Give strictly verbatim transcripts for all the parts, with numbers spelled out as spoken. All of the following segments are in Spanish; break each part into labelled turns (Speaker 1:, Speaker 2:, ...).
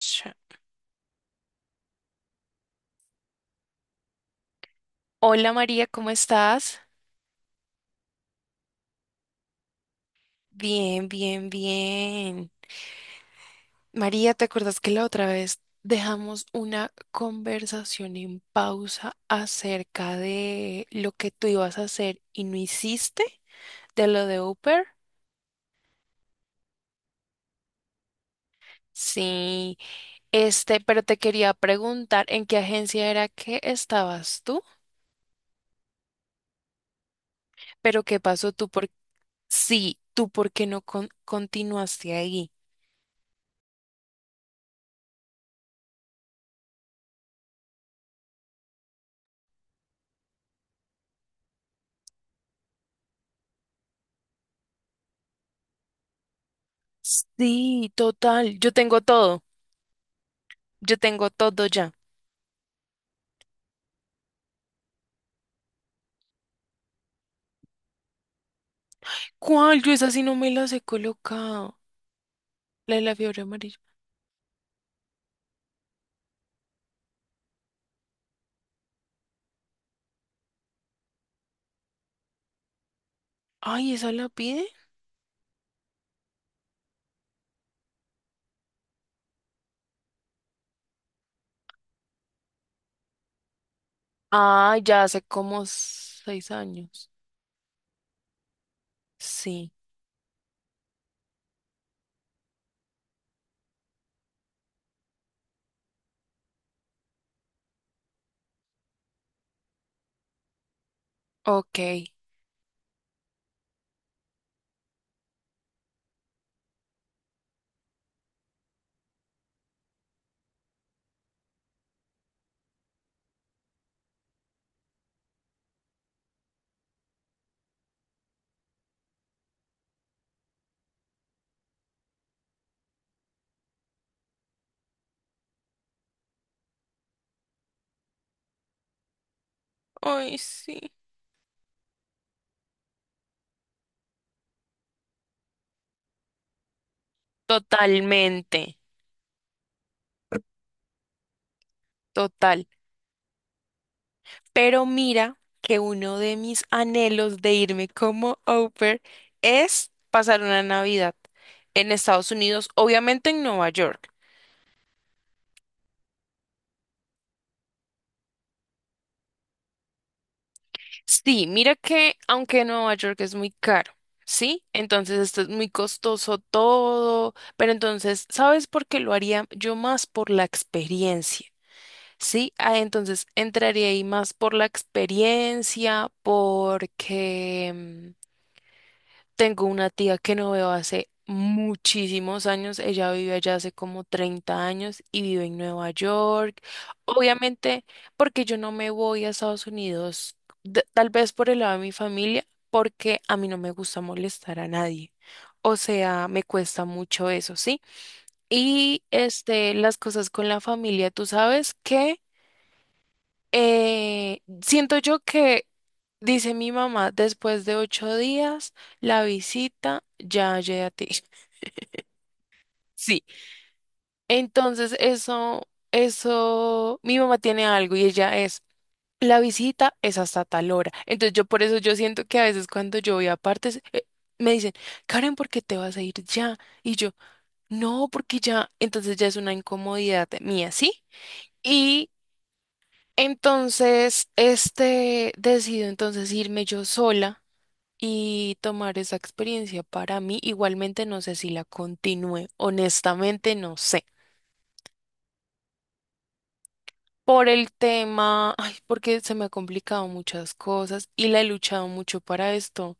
Speaker 1: Ch- Hola María, ¿cómo estás? Bien, bien, bien. María, ¿te acuerdas que la otra vez dejamos una conversación en pausa acerca de lo que tú ibas a hacer y no hiciste de lo de Uber? Sí, este, pero te quería preguntar en qué agencia era que estabas tú, pero qué pasó tú por sí, tú por qué no con- continuaste ahí. Sí, total, yo tengo todo, yo tengo todo ya. ¿Cuál? Yo esa sí no me las he colocado. La de la fiebre amarilla. Ay, ¿esa la pide? Ah, ya hace como seis años. Sí. Ok. Ay, sí. Totalmente. Total. Pero mira que uno de mis anhelos de irme como au pair es pasar una Navidad en Estados Unidos, obviamente en Nueva York. Sí, mira que aunque Nueva York es muy caro, ¿sí? Entonces esto es muy costoso todo, pero entonces, ¿sabes por qué lo haría? Yo más por la experiencia, ¿sí? Ah, entonces entraría ahí más por la experiencia, porque... mm, tengo una tía que no veo hace muchísimos años. Ella vive allá hace como treinta años y vive en Nueva York. Obviamente, porque yo no me voy a Estados Unidos, d- tal vez por el lado de mi familia, porque a mí no me gusta molestar a nadie. O sea, me cuesta mucho eso, ¿sí? Y este, las cosas con la familia, tú sabes que eh, siento yo que, dice mi mamá, después de ocho días, la visita ya llegué a ti. Sí. Entonces, eso, eso, mi mamá tiene algo y ella es, la visita es hasta tal hora. Entonces, yo por eso yo siento que a veces cuando yo voy a partes, eh, me dicen, Karen, ¿por qué te vas a ir ya? Y yo, no, porque ya, entonces ya es una incomodidad mía, ¿sí? y Entonces, este, decido entonces irme yo sola y tomar esa experiencia para mí. Igualmente no sé si la continúe, honestamente no sé. Por el tema, ay, porque se me ha complicado muchas cosas y la he luchado mucho para esto.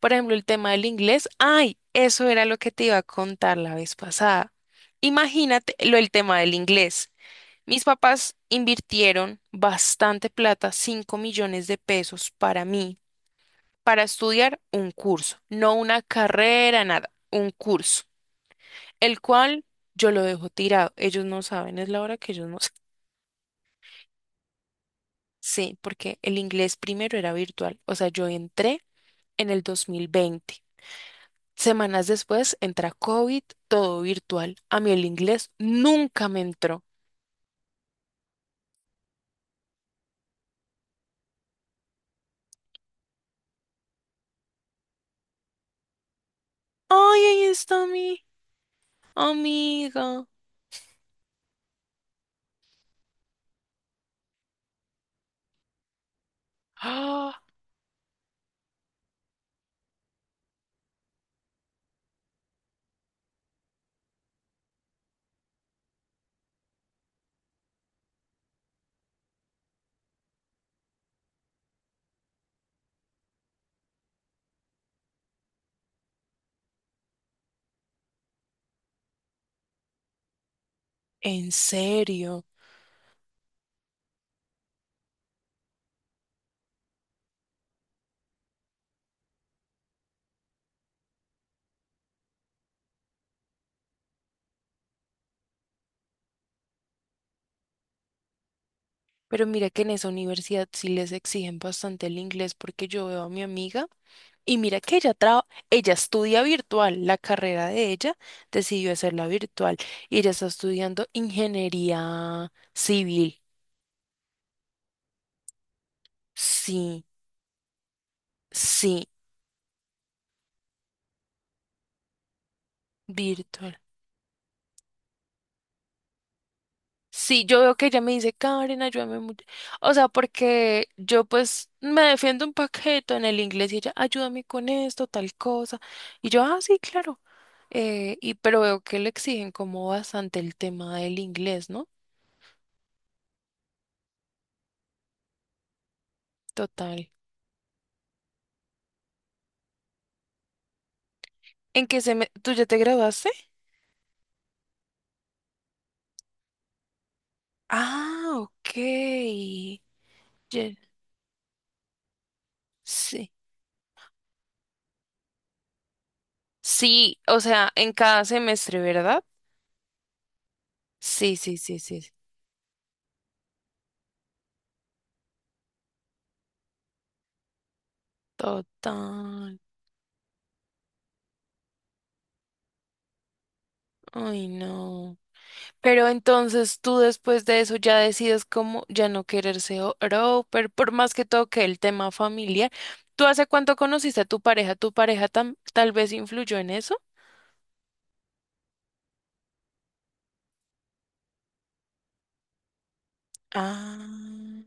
Speaker 1: Por ejemplo, el tema del inglés, ay, eso era lo que te iba a contar la vez pasada. Imagínate lo el tema del inglés. Mis papás invirtieron bastante plata, cinco millones de pesos para mí para estudiar un curso, no una carrera, nada, un curso, el cual yo lo dejo tirado. Ellos no saben, es la hora que ellos no saben. Sí, porque el inglés primero era virtual, o sea, yo entré en el dos mil veinte. Semanas después entra COVID, todo virtual. A mí el inglés nunca me entró. Ay, ahí está mi amiga. Ah, ¿en serio? Pero mira que en esa universidad sí les exigen bastante el inglés porque yo veo a mi amiga y mira que ella traba- ella estudia virtual, la carrera de ella decidió hacerla virtual y ella está estudiando ingeniería civil. Sí, sí, virtual. Sí, yo veo que ella me dice, Karen, ayúdame mucho. O sea, porque yo pues me defiendo un paquete en el inglés y ella, ayúdame con esto, tal cosa. Y yo, ah, sí, claro. Eh, y pero veo que le exigen como bastante el tema del inglés, ¿no? Total. ¿En qué se me... ¿Tú ya te graduaste? Ah, ok. Ye- Sí. Sí, o sea, en cada semestre, ¿verdad? Sí, sí, sí, sí. Total. Ay, no. Pero entonces tú después de eso ya decides como ya no querer ser pero por más que toque el tema familiar. ¿Tú hace cuánto conociste a tu pareja? ¿Tu pareja tam- tal vez influyó en eso? Ah,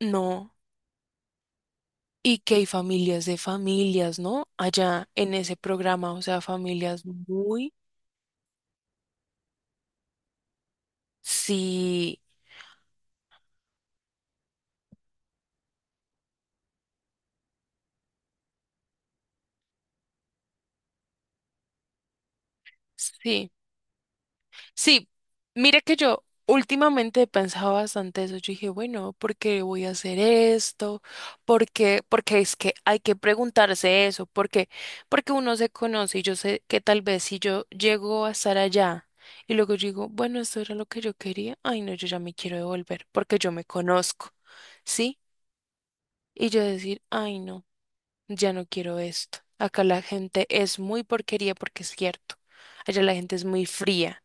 Speaker 1: no. Y que hay familias de familias, ¿no? Allá en ese programa, o sea, familias muy, sí, sí. Sí, mira que yo últimamente he pensado bastante eso. Yo dije, bueno, ¿por qué voy a hacer esto? ¿Por qué? Porque es que hay que preguntarse eso. ¿Por qué? Porque uno se conoce y yo sé que tal vez si yo llego a estar allá y luego yo digo, bueno, esto era lo que yo quería. Ay, no, yo ya me quiero devolver porque yo me conozco, ¿sí? Y yo decir, ay, no, ya no quiero esto. Acá la gente es muy porquería porque es cierto. Allá la gente es muy fría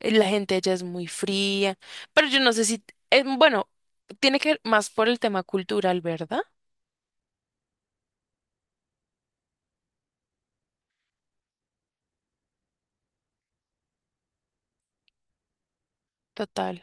Speaker 1: eh, La gente allá es muy fría, pero yo no sé si, eh, bueno, tiene que ver más por el tema cultural, ¿verdad? Total.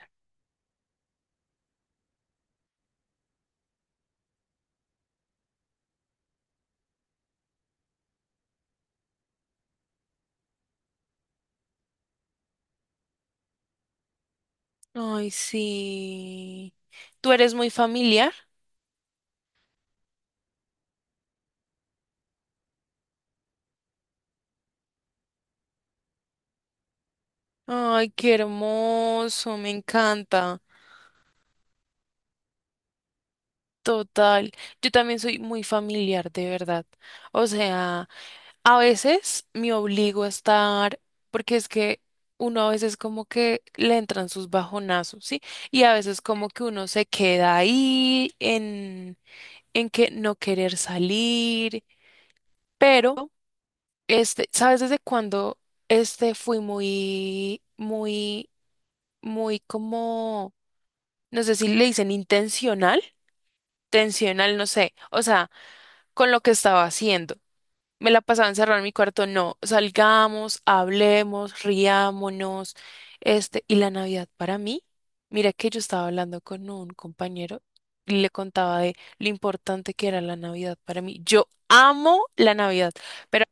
Speaker 1: Ay, sí. ¿Tú eres muy familiar? Ay, qué hermoso, me encanta. Total. Yo también soy muy familiar, de verdad. O sea, a veces me obligo a estar, porque es que uno a veces como que le entran sus bajonazos, ¿sí? Y a veces como que uno se queda ahí en en que no querer salir, pero este, ¿sabes desde cuándo este fui muy, muy, muy como, no sé si le dicen intencional, tensional, no sé, o sea, con lo que estaba haciendo. Me la pasaba encerrada en mi cuarto, no, salgamos, hablemos, riámonos, este, y la Navidad para mí, mira que yo estaba hablando con un compañero y le contaba de lo importante que era la Navidad para mí. Yo amo la Navidad, pero,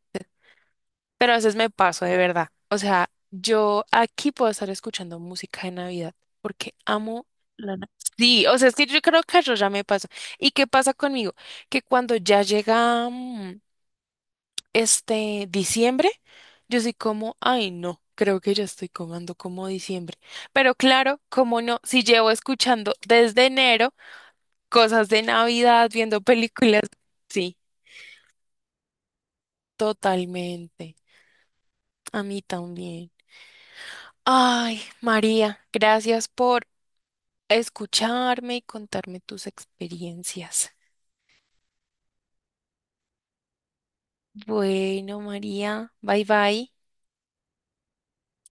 Speaker 1: pero a veces me paso de verdad. O sea, yo aquí puedo estar escuchando música de Navidad porque amo la Navidad. Sí, o sea, es que yo creo que yo ya me paso. ¿Y qué pasa conmigo? Que cuando ya llega... mm, este diciembre, yo soy como, ay, no, creo que ya estoy comando como diciembre. Pero claro, como no, si llevo escuchando desde enero cosas de Navidad, viendo películas, sí, totalmente. A mí también. Ay, María, gracias por escucharme y contarme tus experiencias. Bueno, María, bye bye.